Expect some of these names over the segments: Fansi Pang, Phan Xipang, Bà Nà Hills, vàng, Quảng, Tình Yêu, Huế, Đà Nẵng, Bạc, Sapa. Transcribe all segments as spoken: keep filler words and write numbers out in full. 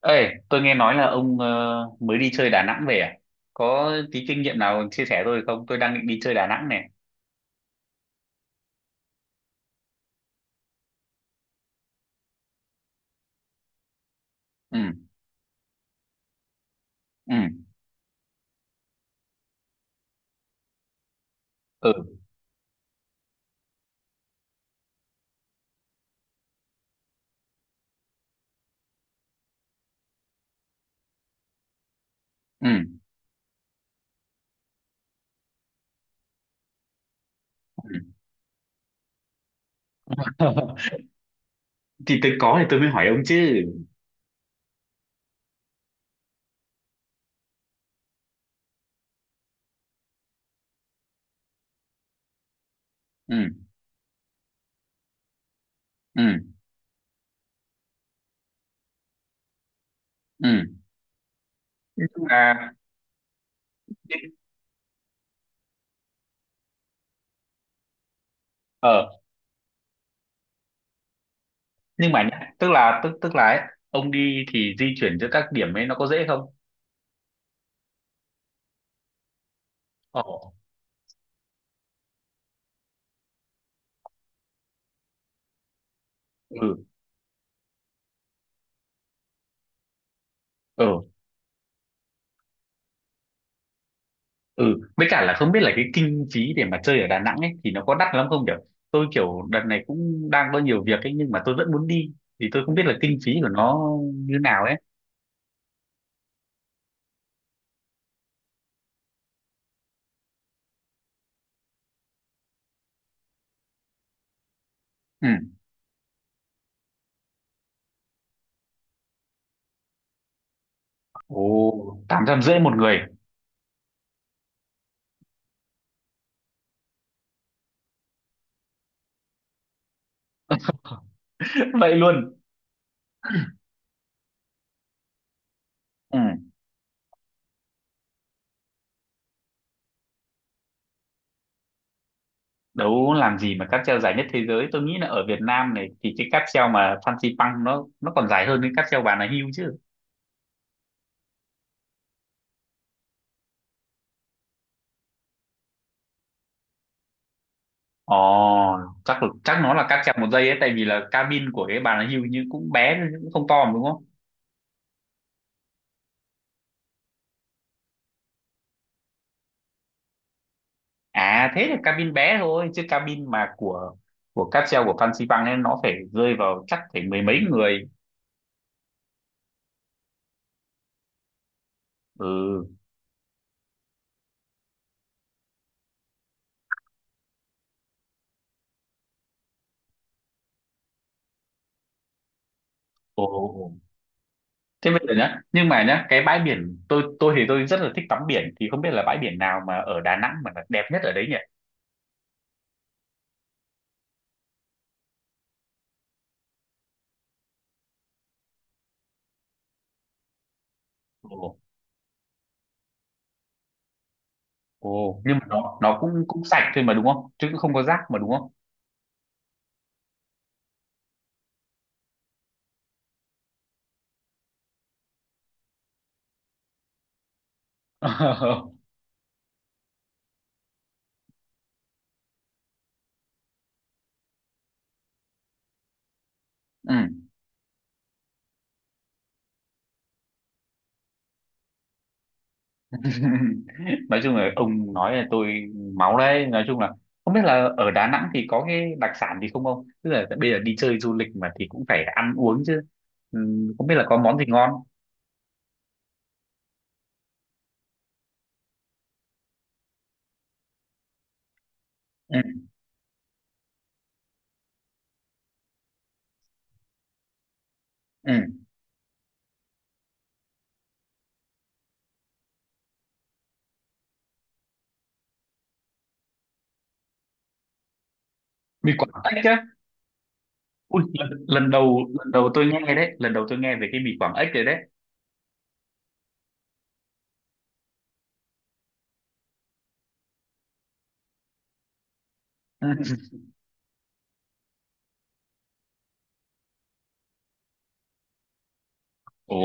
Ê, tôi nghe nói là ông ờ, mới đi chơi Đà Nẵng về à? Có tí kinh nghiệm nào chia sẻ tôi không? Tôi đang định đi chơi Đà Nẵng này. Ừ, ừ, ừ, ừ. Thì tôi có thì tôi mới hỏi ông chứ. Ừ, ừ, ừ. Nhưng mà, ờ, nhưng mà nhá, tức là tức tức là ấy, ông đi thì di chuyển giữa các điểm ấy nó có dễ không? Ồ, ừ, ừ. Ừ, với cả là không biết là cái kinh phí để mà chơi ở Đà Nẵng ấy thì nó có đắt lắm không, kiểu tôi kiểu đợt này cũng đang có nhiều việc ấy, nhưng mà tôi vẫn muốn đi, thì tôi không biết là kinh phí của nó như nào ấy. Ừ. Ồ, tám trăm rưỡi một người? Vậy luôn? Ừ. Đấu làm gì mà cáp treo dài nhất thế giới, tôi nghĩ là ở Việt Nam này thì cái cáp treo mà Fansi Pang nó nó còn dài hơn cái cáp treo Bà Nà Hills chứ. Ồ, chắc chắc nó là cáp treo một giây ấy, tại vì là cabin của cái Bà Nà Hills như cũng bé cũng không to mà đúng không? À thế là cabin bé thôi, chứ cabin mà của của cáp treo của Phan Xi ấy nó phải rơi vào chắc phải mười mấy người. Ừ. Ồ. Ồ. Thế bây giờ nhá, nhưng mà nhá, cái bãi biển tôi tôi thì tôi rất là thích tắm biển, thì không biết là bãi biển nào mà ở Đà Nẵng mà là đẹp nhất ở đấy nhỉ? Ồ. Ồ, nhưng mà nó nó cũng cũng sạch thôi mà đúng không? Chứ cũng không có rác mà đúng không? Ừ. Nói chung là ông nói là tôi máu đấy. Nói chung là không biết là ở Đà Nẵng thì có cái đặc sản gì không không, tức là bây giờ đi chơi du lịch mà thì cũng phải ăn uống chứ. Ừ, không biết là có món gì ngon. Ừ, ừ. Mì Quảng Ếch á? Ui, lần, lần đầu lần đầu tôi nghe đấy, lần đầu tôi nghe về cái mì Quảng Ếch rồi đấy. Ừ. Ồ,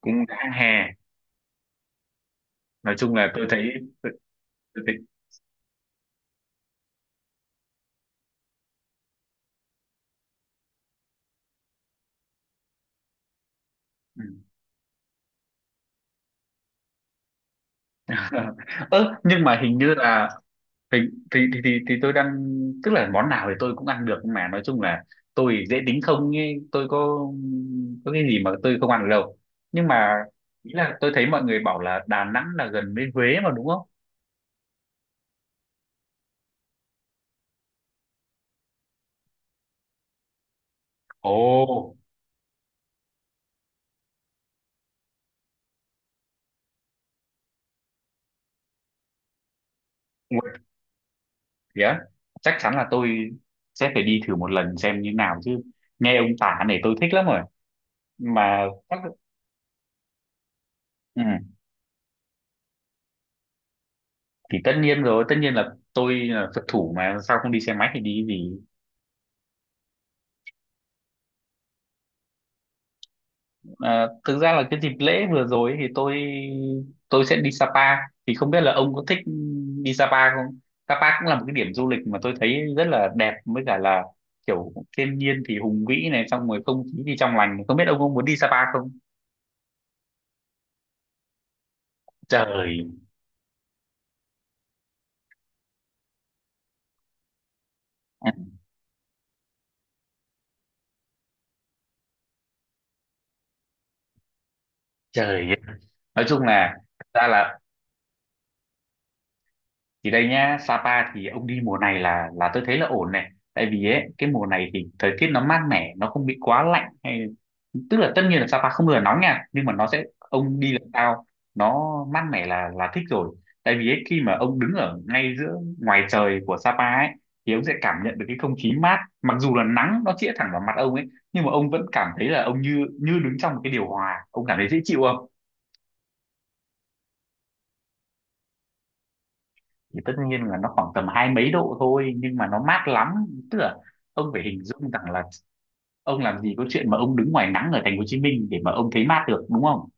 cũng đang hè. Nói chung là tôi thấy, tôi, tôi thấy. Ừ. Ơ nhưng mà hình như là thì thì thì thì, thì tôi đang, tức là món nào thì tôi cũng ăn được, nhưng mà nói chung là tôi dễ tính không ấy, tôi có có cái gì mà tôi không ăn được đâu. Nhưng mà ý là tôi thấy mọi người bảo là Đà Nẵng là gần với Huế mà đúng không? Ồ. Nguồn vía, chắc chắn là tôi sẽ phải đi thử một lần xem như nào chứ. Nghe ông tả này tôi thích lắm rồi mà. Chắc. Ừ, thì tất nhiên rồi, tất nhiên là tôi là Phật thủ mà, sao không đi xe máy thì đi cái gì? À, thực ra là cái dịp lễ vừa rồi thì tôi tôi sẽ đi Sapa. Thì không biết là ông có thích đi Sapa không? Sapa cũng là một cái điểm du lịch mà tôi thấy rất là đẹp, với cả là kiểu thiên nhiên thì hùng vĩ này, xong rồi không khí thì trong lành, không biết ông có muốn đi Sapa không? Trời, trời, nói chung là thật ra là, thì đây nhá, Sapa thì ông đi mùa này là là tôi thấy là ổn này, tại vì ấy cái mùa này thì thời tiết nó mát mẻ, nó không bị quá lạnh hay, tức là tất nhiên là Sapa không bao giờ nóng nha, nhưng mà nó sẽ ông đi lần sau nó mát mẻ là là thích rồi. Tại vì ấy, khi mà ông đứng ở ngay giữa ngoài trời của Sapa ấy, thì ông sẽ cảm nhận được cái không khí mát, mặc dù là nắng nó chĩa thẳng vào mặt ông ấy, nhưng mà ông vẫn cảm thấy là ông như như đứng trong một cái điều hòa, ông cảm thấy dễ chịu không? Thì tất nhiên là nó khoảng tầm hai mấy độ thôi, nhưng mà nó mát lắm. Tức là ông phải hình dung rằng là ông làm gì có chuyện mà ông đứng ngoài nắng ở thành phố Hồ Chí Minh để mà ông thấy mát được đúng không?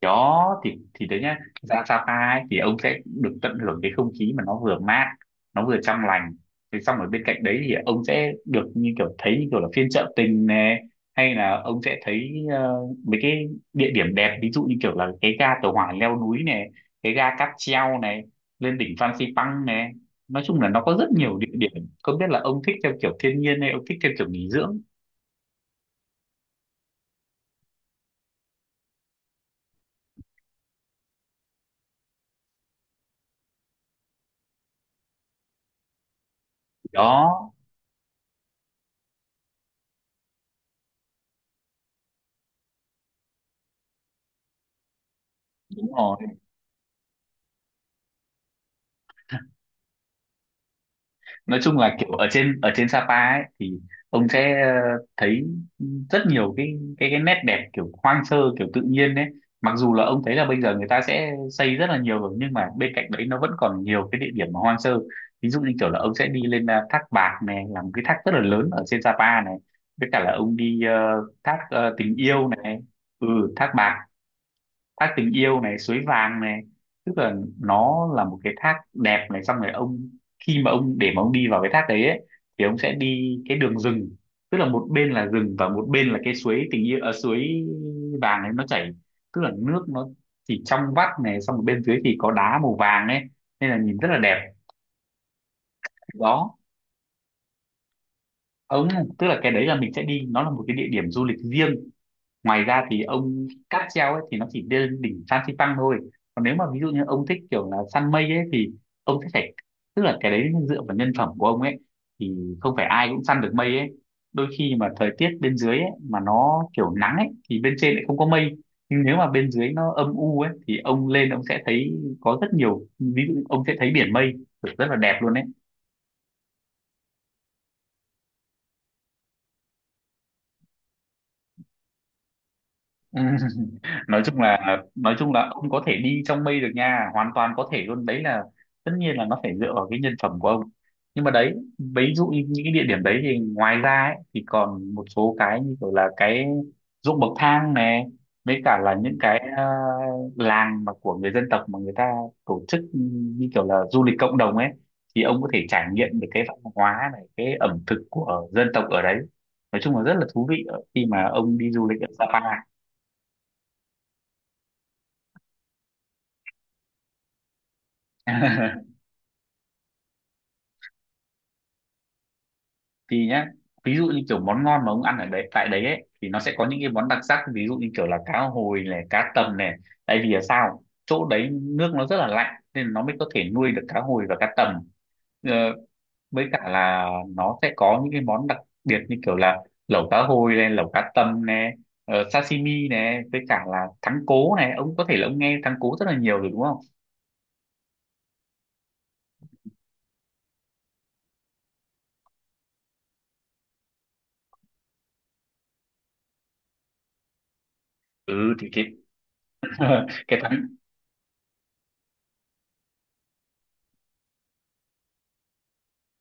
Đó thì thì đấy nhá, ra Sapa ấy, thì ông sẽ được tận hưởng cái không khí mà nó vừa mát, nó vừa trong lành, thì xong ở bên cạnh đấy thì ông sẽ được như kiểu thấy như kiểu là phiên chợ tình này, hay là ông sẽ thấy ờ, mấy cái địa điểm đẹp, ví dụ như kiểu là cái ga tàu hỏa leo núi này, cái ga cáp treo này, lên đỉnh Phan Xipang này, nói chung là nó có rất nhiều địa điểm. Không biết là ông thích theo kiểu thiên nhiên hay ông thích theo kiểu nghỉ dưỡng? Đó, đúng rồi. Nói chung là kiểu ở trên ở trên Sapa ấy thì ông sẽ ờ, thấy rất nhiều cái cái cái nét đẹp kiểu hoang sơ kiểu tự nhiên đấy. Mặc dù là ông thấy là bây giờ người ta sẽ xây rất là nhiều rồi, nhưng mà bên cạnh đấy nó vẫn còn nhiều cái địa điểm mà hoang sơ. Ví dụ như kiểu là ông sẽ đi lên à, thác Bạc này là một cái thác rất là lớn ở trên Sapa này, với cả là ông đi ờ, thác ờ, Tình Yêu này. Ừ, thác Bạc, thác Tình Yêu này, suối vàng này, tức là nó là một cái thác đẹp này, xong rồi ông, khi mà ông để mà ông đi vào cái thác đấy ấy, thì ông sẽ đi cái đường rừng. Tức là một bên là rừng và một bên là cái suối tình yêu, à, suối vàng ấy nó chảy, tức là nước nó chỉ trong vắt này, xong rồi bên dưới thì có đá màu vàng ấy, nên là nhìn rất là đẹp. Đó ông, tức là cái đấy là mình sẽ đi, nó là một cái địa điểm du lịch riêng. Ngoài ra thì ông cáp treo ấy thì nó chỉ lên đỉnh Phan Xipang thôi. Còn nếu mà ví dụ như ông thích kiểu là săn mây ấy thì ông sẽ phải, tức là cái đấy dựa vào nhân phẩm của ông ấy, thì không phải ai cũng săn được mây ấy. Đôi khi mà thời tiết bên dưới ấy mà nó kiểu nắng ấy thì bên trên lại không có mây, nhưng nếu mà bên dưới nó âm u ấy thì ông lên ông sẽ thấy có rất nhiều, ví dụ ông sẽ thấy biển mây kiểu rất là đẹp luôn ấy. Ừ. nói chung là nói chung là ông có thể đi trong mây được nha, hoàn toàn có thể luôn đấy, là tất nhiên là nó phải dựa vào cái nhân phẩm của ông. Nhưng mà đấy, ví dụ như những cái địa điểm đấy thì ngoài ra ấy, thì còn một số cái như kiểu là cái ruộng bậc thang này, với cả là những cái ờ, làng mà của người dân tộc mà người ta tổ chức, ừ, như kiểu là du lịch cộng đồng ấy, thì ông có thể trải nghiệm được cái văn hóa này, cái ẩm thực của dân tộc ở đấy, nói chung là rất là thú vị ở- khi mà ông đi du lịch ở Sapa. Thì nhá, ví dụ như kiểu món ngon mà ông ăn ở đấy tại đấy ấy, thì nó sẽ có những cái món đặc sắc, ví dụ như kiểu là cá hồi này, cá tầm này, tại vì là sao chỗ đấy nước nó rất là lạnh nên nó mới có thể nuôi được cá hồi và cá tầm. Ờ, với cả là nó sẽ có những cái món đặc biệt như kiểu là lẩu cá hồi này, lẩu cá tầm này, ờ, sashimi này, với cả là thắng cố này, ông có thể là ông nghe thắng cố rất là nhiều rồi đúng không? Ừ thì cái. Cái thắng.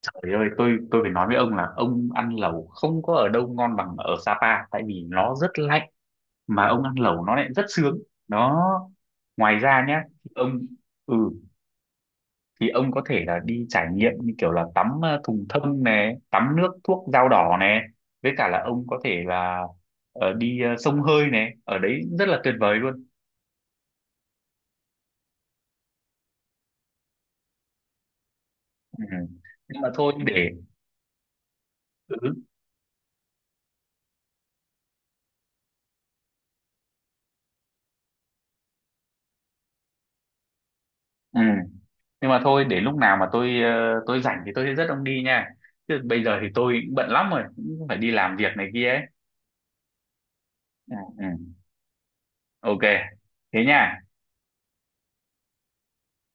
Trời ơi, tôi tôi phải nói với ông là ông ăn lẩu không có ở đâu ngon bằng ở Sapa, tại vì nó rất lạnh mà ông ăn lẩu nó lại rất sướng. Đó. Ngoài ra nhá, ông, ừ, thì ông có thể là đi trải nghiệm như kiểu là tắm ờ, thùng thông này, tắm nước thuốc dao đỏ này, với cả là ông có thể là ờ, đi ờ, sông hơi này, ở đấy rất là tuyệt vời luôn. Ừ. Nhưng mà thôi để. Ừ. Ừ. Nhưng mà thôi, để lúc nào mà tôi ờ, tôi rảnh thì tôi sẽ dắt ông đi nha, chứ bây giờ thì tôi cũng bận lắm rồi, cũng phải đi làm việc này kia ấy. Ừ, ừ. Ok, thế nha.